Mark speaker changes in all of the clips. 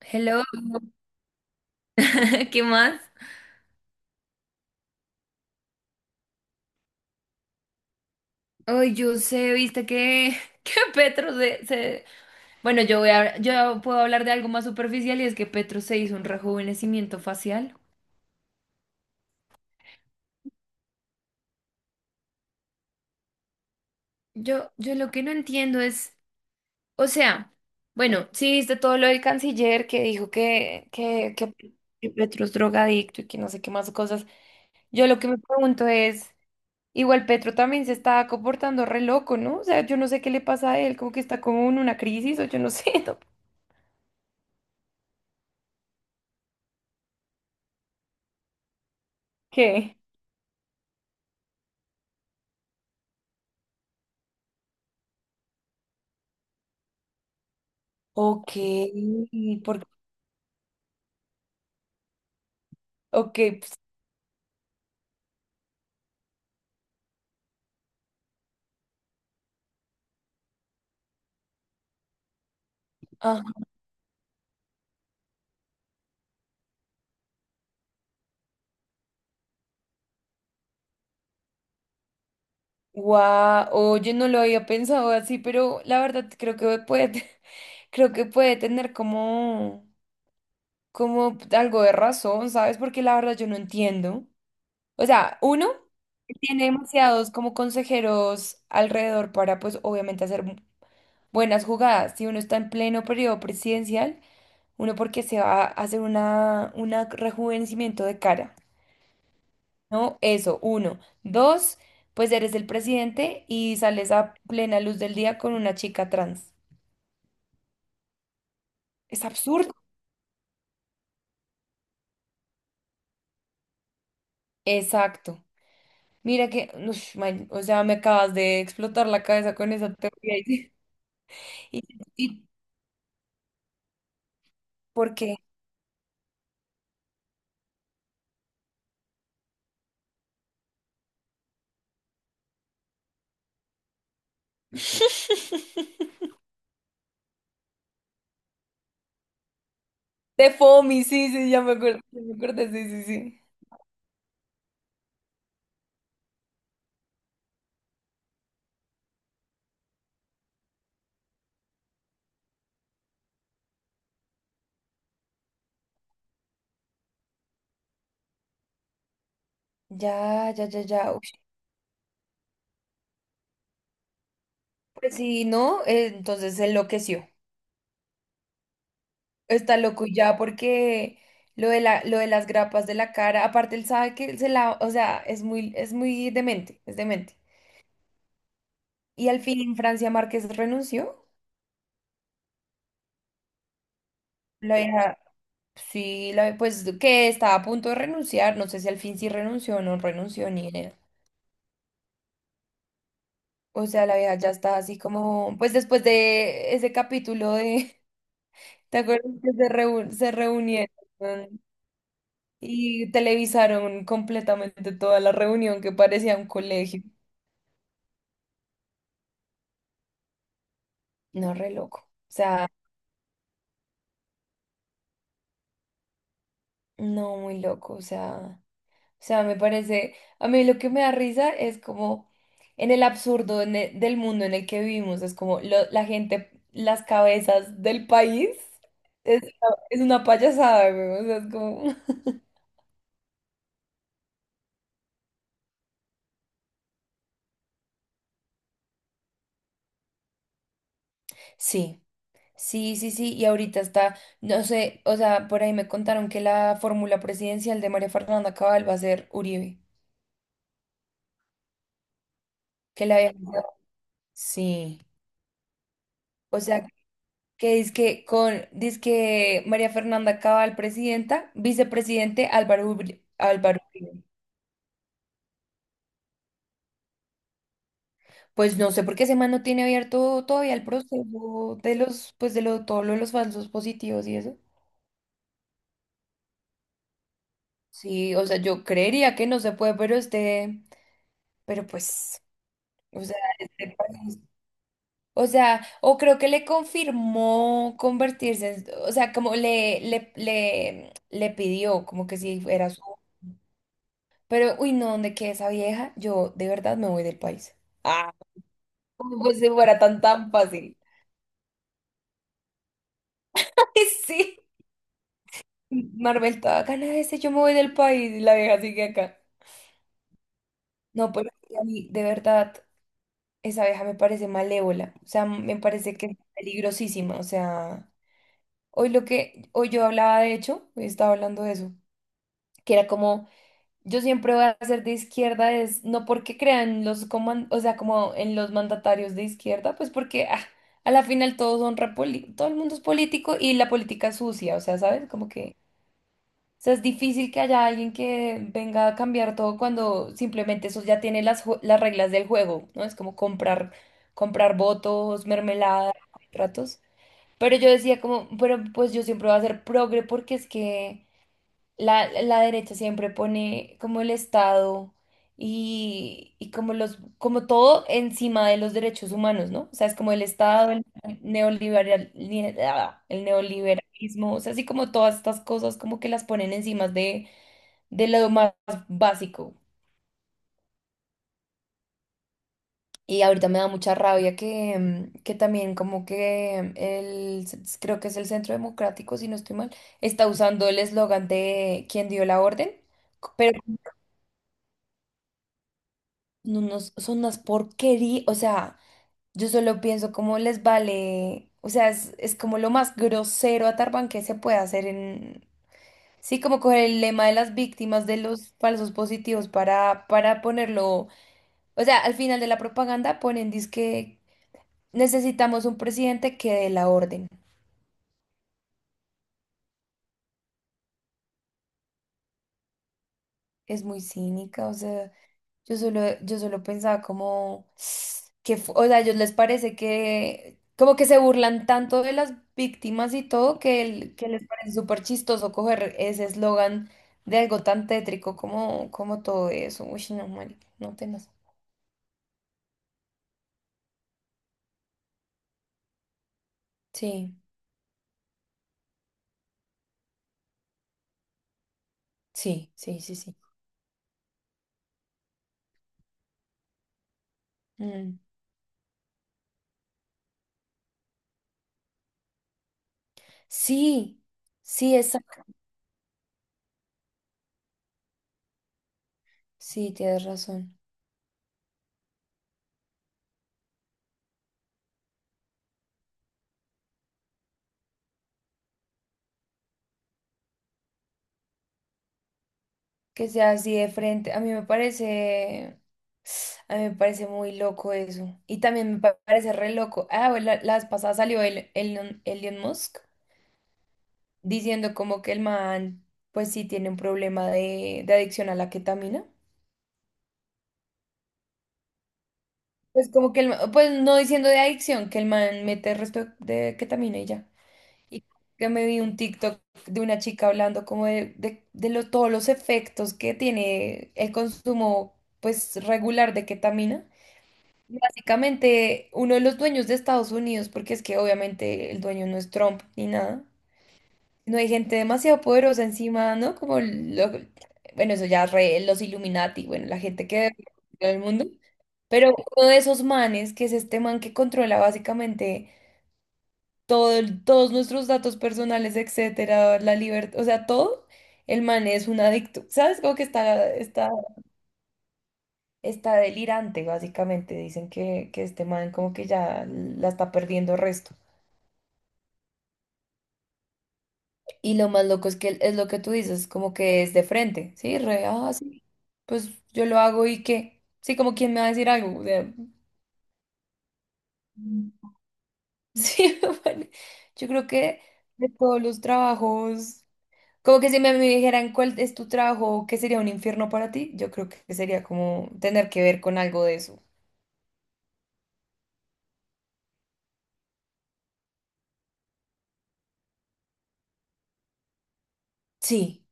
Speaker 1: Hello. ¿Qué más? Ay, yo sé, viste que, que Bueno, yo puedo hablar de algo más superficial, y es que Petro se hizo un rejuvenecimiento facial. Yo lo que no entiendo es, o sea, bueno, sí, viste todo lo del canciller, que dijo que Petro es drogadicto y que no sé qué más cosas. Yo lo que me pregunto es, igual Petro también se está comportando re loco, ¿no? O sea, yo no sé qué le pasa a él, como que está como en una crisis o yo no sé, ¿no? ¿Qué? Ok, porque, ok, pues, ah, guau, oye, no lo había pensado así, pero la verdad creo que puede, creo que puede tener como, como algo de razón, ¿sabes? Porque la verdad yo no entiendo. O sea, uno tiene demasiados como consejeros alrededor para, pues, obviamente hacer buenas jugadas. Si uno está en pleno periodo presidencial, uno, porque se va a hacer un rejuvenecimiento de cara. No, eso, uno. Dos, pues eres el presidente y sales a plena luz del día con una chica trans. Es absurdo. Exacto. Mira que, ush, man, o sea, me acabas de explotar la cabeza con esa teoría. ¿Y, y, ¿Por qué? De FOMI, sí, sí, ya me acuerdo, sí, sí, sí. Ya, ya, ya, ya. Ush, pues sí, ¿no? Entonces se enloqueció. Está loco ya porque lo de las grapas de la cara, aparte él sabe que se la, o sea, es muy demente, es demente. Y al fin Francia Márquez renunció. La vieja, sí, la, pues que estaba a punto de renunciar, no sé si al fin sí renunció o no renunció, ni idea. O sea, la vieja ya está así como, pues después de ese capítulo de, ¿te acuerdas que se, reú se reunieron y televisaron completamente toda la reunión, que parecía un colegio? No, re loco. O sea, no, muy loco. O sea, me parece. A mí lo que me da risa es como en el absurdo en del mundo en el que vivimos. Es como la gente, las cabezas del país. Es, es una payasada, güey. O sea, es como. Sí, sí, sí, sí. Y ahorita está, no sé, o sea, por ahí me contaron que la fórmula presidencial de María Fernanda Cabal va a ser Uribe. Que la habían. Sí. O sea, que dizque con dizque María Fernanda Cabal presidenta, vicepresidente Álvaro Uribe. Pues no sé por qué ese man no tiene abierto todavía el proceso de los, pues todo lo de los falsos positivos y eso. Sí, o sea, yo creería que no se puede, pero este, pero pues, o sea, este o sea, o creo que le confirmó convertirse, o sea, como le pidió, como que si era su. Pero, uy, no, donde quede esa vieja, yo de verdad me voy del país. Ah, ¿cómo? Pues si fuera tan tan fácil. Ay, sí. Marvel, toda gana ese, yo me voy del país y la vieja sigue acá. No, pero es que a mí, de verdad, esa vieja me parece malévola. O sea, me parece que es peligrosísima. O sea, hoy lo que, hoy yo hablaba de hecho, hoy estaba hablando de eso, que era como. Yo siempre voy a ser de izquierda, es no porque crean los o sea, como en los mandatarios de izquierda, pues porque ah, a la final todos son todo el mundo es político y la política es sucia, o sea, ¿sabes? Como que, o sea, es difícil que haya alguien que venga a cambiar todo cuando simplemente eso ya tiene las, las reglas del juego, ¿no? Es como comprar votos, mermelada, contratos. Pero yo decía como, pero pues yo siempre voy a ser progre, porque es que la derecha siempre pone como el Estado y como como todo encima de los derechos humanos, ¿no? O sea, es como el Estado, el neoliberal, el neoliberalismo, o sea, así como todas estas cosas como que las ponen encima de lo más básico. Y ahorita me da mucha rabia que también como que el, creo que es el Centro Democrático, si no estoy mal, está usando el eslogan de quien dio la orden, pero no, no, son unas porquerías, o sea, yo solo pienso cómo les vale, o sea, es como lo más grosero a Tarban que se puede hacer en, sí, como coger el lema de las víctimas de los falsos positivos para ponerlo, o sea, al final de la propaganda ponen que necesitamos un presidente que dé la orden. Es muy cínica, o sea. Yo solo pensaba como que, o sea, a ellos les parece que, como que se burlan tanto de las víctimas y todo, que, que les parece súper chistoso coger ese eslogan de algo tan tétrico como, como todo eso. Uy, no, marica, no tenaz. Sí, sí, sí, sí, sí. Mm. Sí, sí, exacto. Sí, tienes razón. Que sea así de frente. A mí me parece. A mí me parece muy loco eso. Y también me parece re loco. Ah, bueno, la vez pasada salió el, Elon Musk diciendo como que el man, pues sí tiene un problema de adicción a la ketamina. Pues como que el pues no diciendo de adicción, que el man mete el resto de ketamina y ya. Y que me vi un TikTok de una chica hablando como de todos los efectos que tiene el consumo, pues regular, de ketamina. Básicamente, uno de los dueños de Estados Unidos, porque es que obviamente el dueño no es Trump ni nada. No hay gente demasiado poderosa encima, ¿no? Como bueno, eso ya los Illuminati, bueno, la gente que del mundo. Pero uno de esos manes, que es este man que controla básicamente todo, todos nuestros datos personales, etcétera, la libertad, o sea, todo, el man es un adicto. ¿Sabes? Como que está delirante, básicamente. Dicen que este man como que ya la está perdiendo resto. Y lo más loco es que es lo que tú dices, como que es de frente, ¿sí? Re, ah, sí, pues yo lo hago y qué. Sí, como quien me va a decir algo. O sea, mm. Sí, bueno, yo creo que de todos los trabajos, como que si me dijeran cuál es tu trabajo, qué sería un infierno para ti, yo creo que sería como tener que ver con algo de eso. Sí,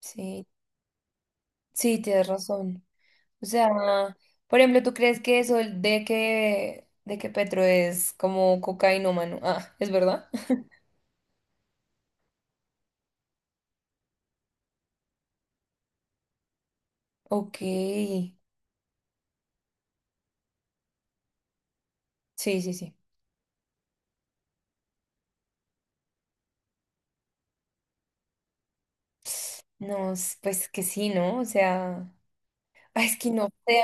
Speaker 1: sí, sí, tienes razón. O sea, por ejemplo, ¿tú crees que eso de que Petro es como cocainómano? Ah, ¿es verdad? Ok, sí, sí, sí. No, pues que sí, ¿no? O sea, ay, es que no sé.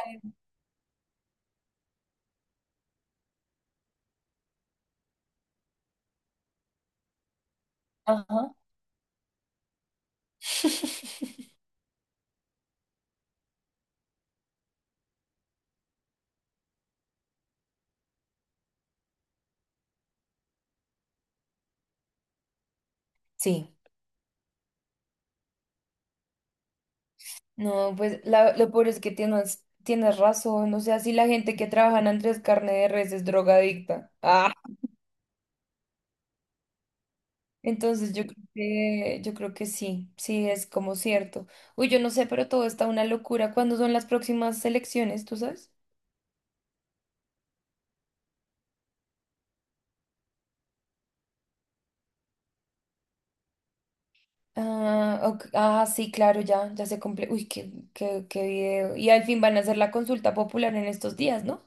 Speaker 1: Ajá. Sí, no, pues lo peor es que tienes, tienes razón. O sea, si la gente que trabaja en Andrés Carne de Res es drogadicta. Ah, entonces yo creo que sí, sí, es como cierto. Uy, yo no sé, pero todo está una locura. ¿Cuándo son las próximas elecciones, tú sabes? Ah, ok, ah, sí, claro, ya, ya se cumple. Uy, qué video. Y al fin van a hacer la consulta popular en estos días, ¿no?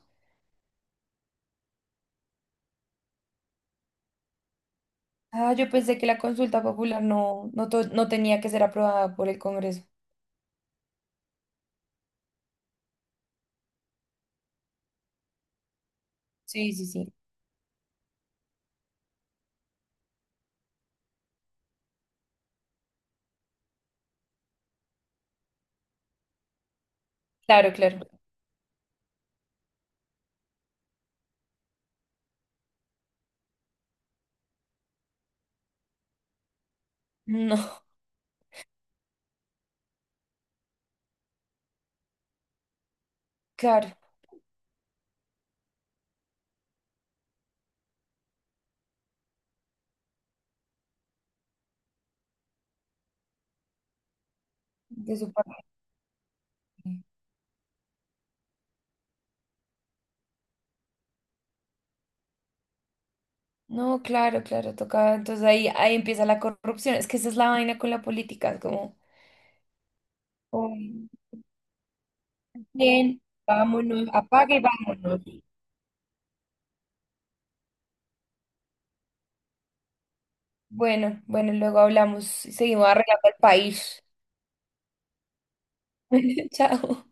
Speaker 1: Ah, yo pensé que la consulta popular no tenía que ser aprobada por el Congreso. Sí, sí, sí. Claro, claro. No, claro, de su parte. No, claro, claro, toca. Entonces ahí empieza la corrupción. Es que esa es la vaina con la política, es como, uy, bien, vámonos, apague y vámonos. Bueno, bueno, luego hablamos y seguimos arreglando el país. Chao.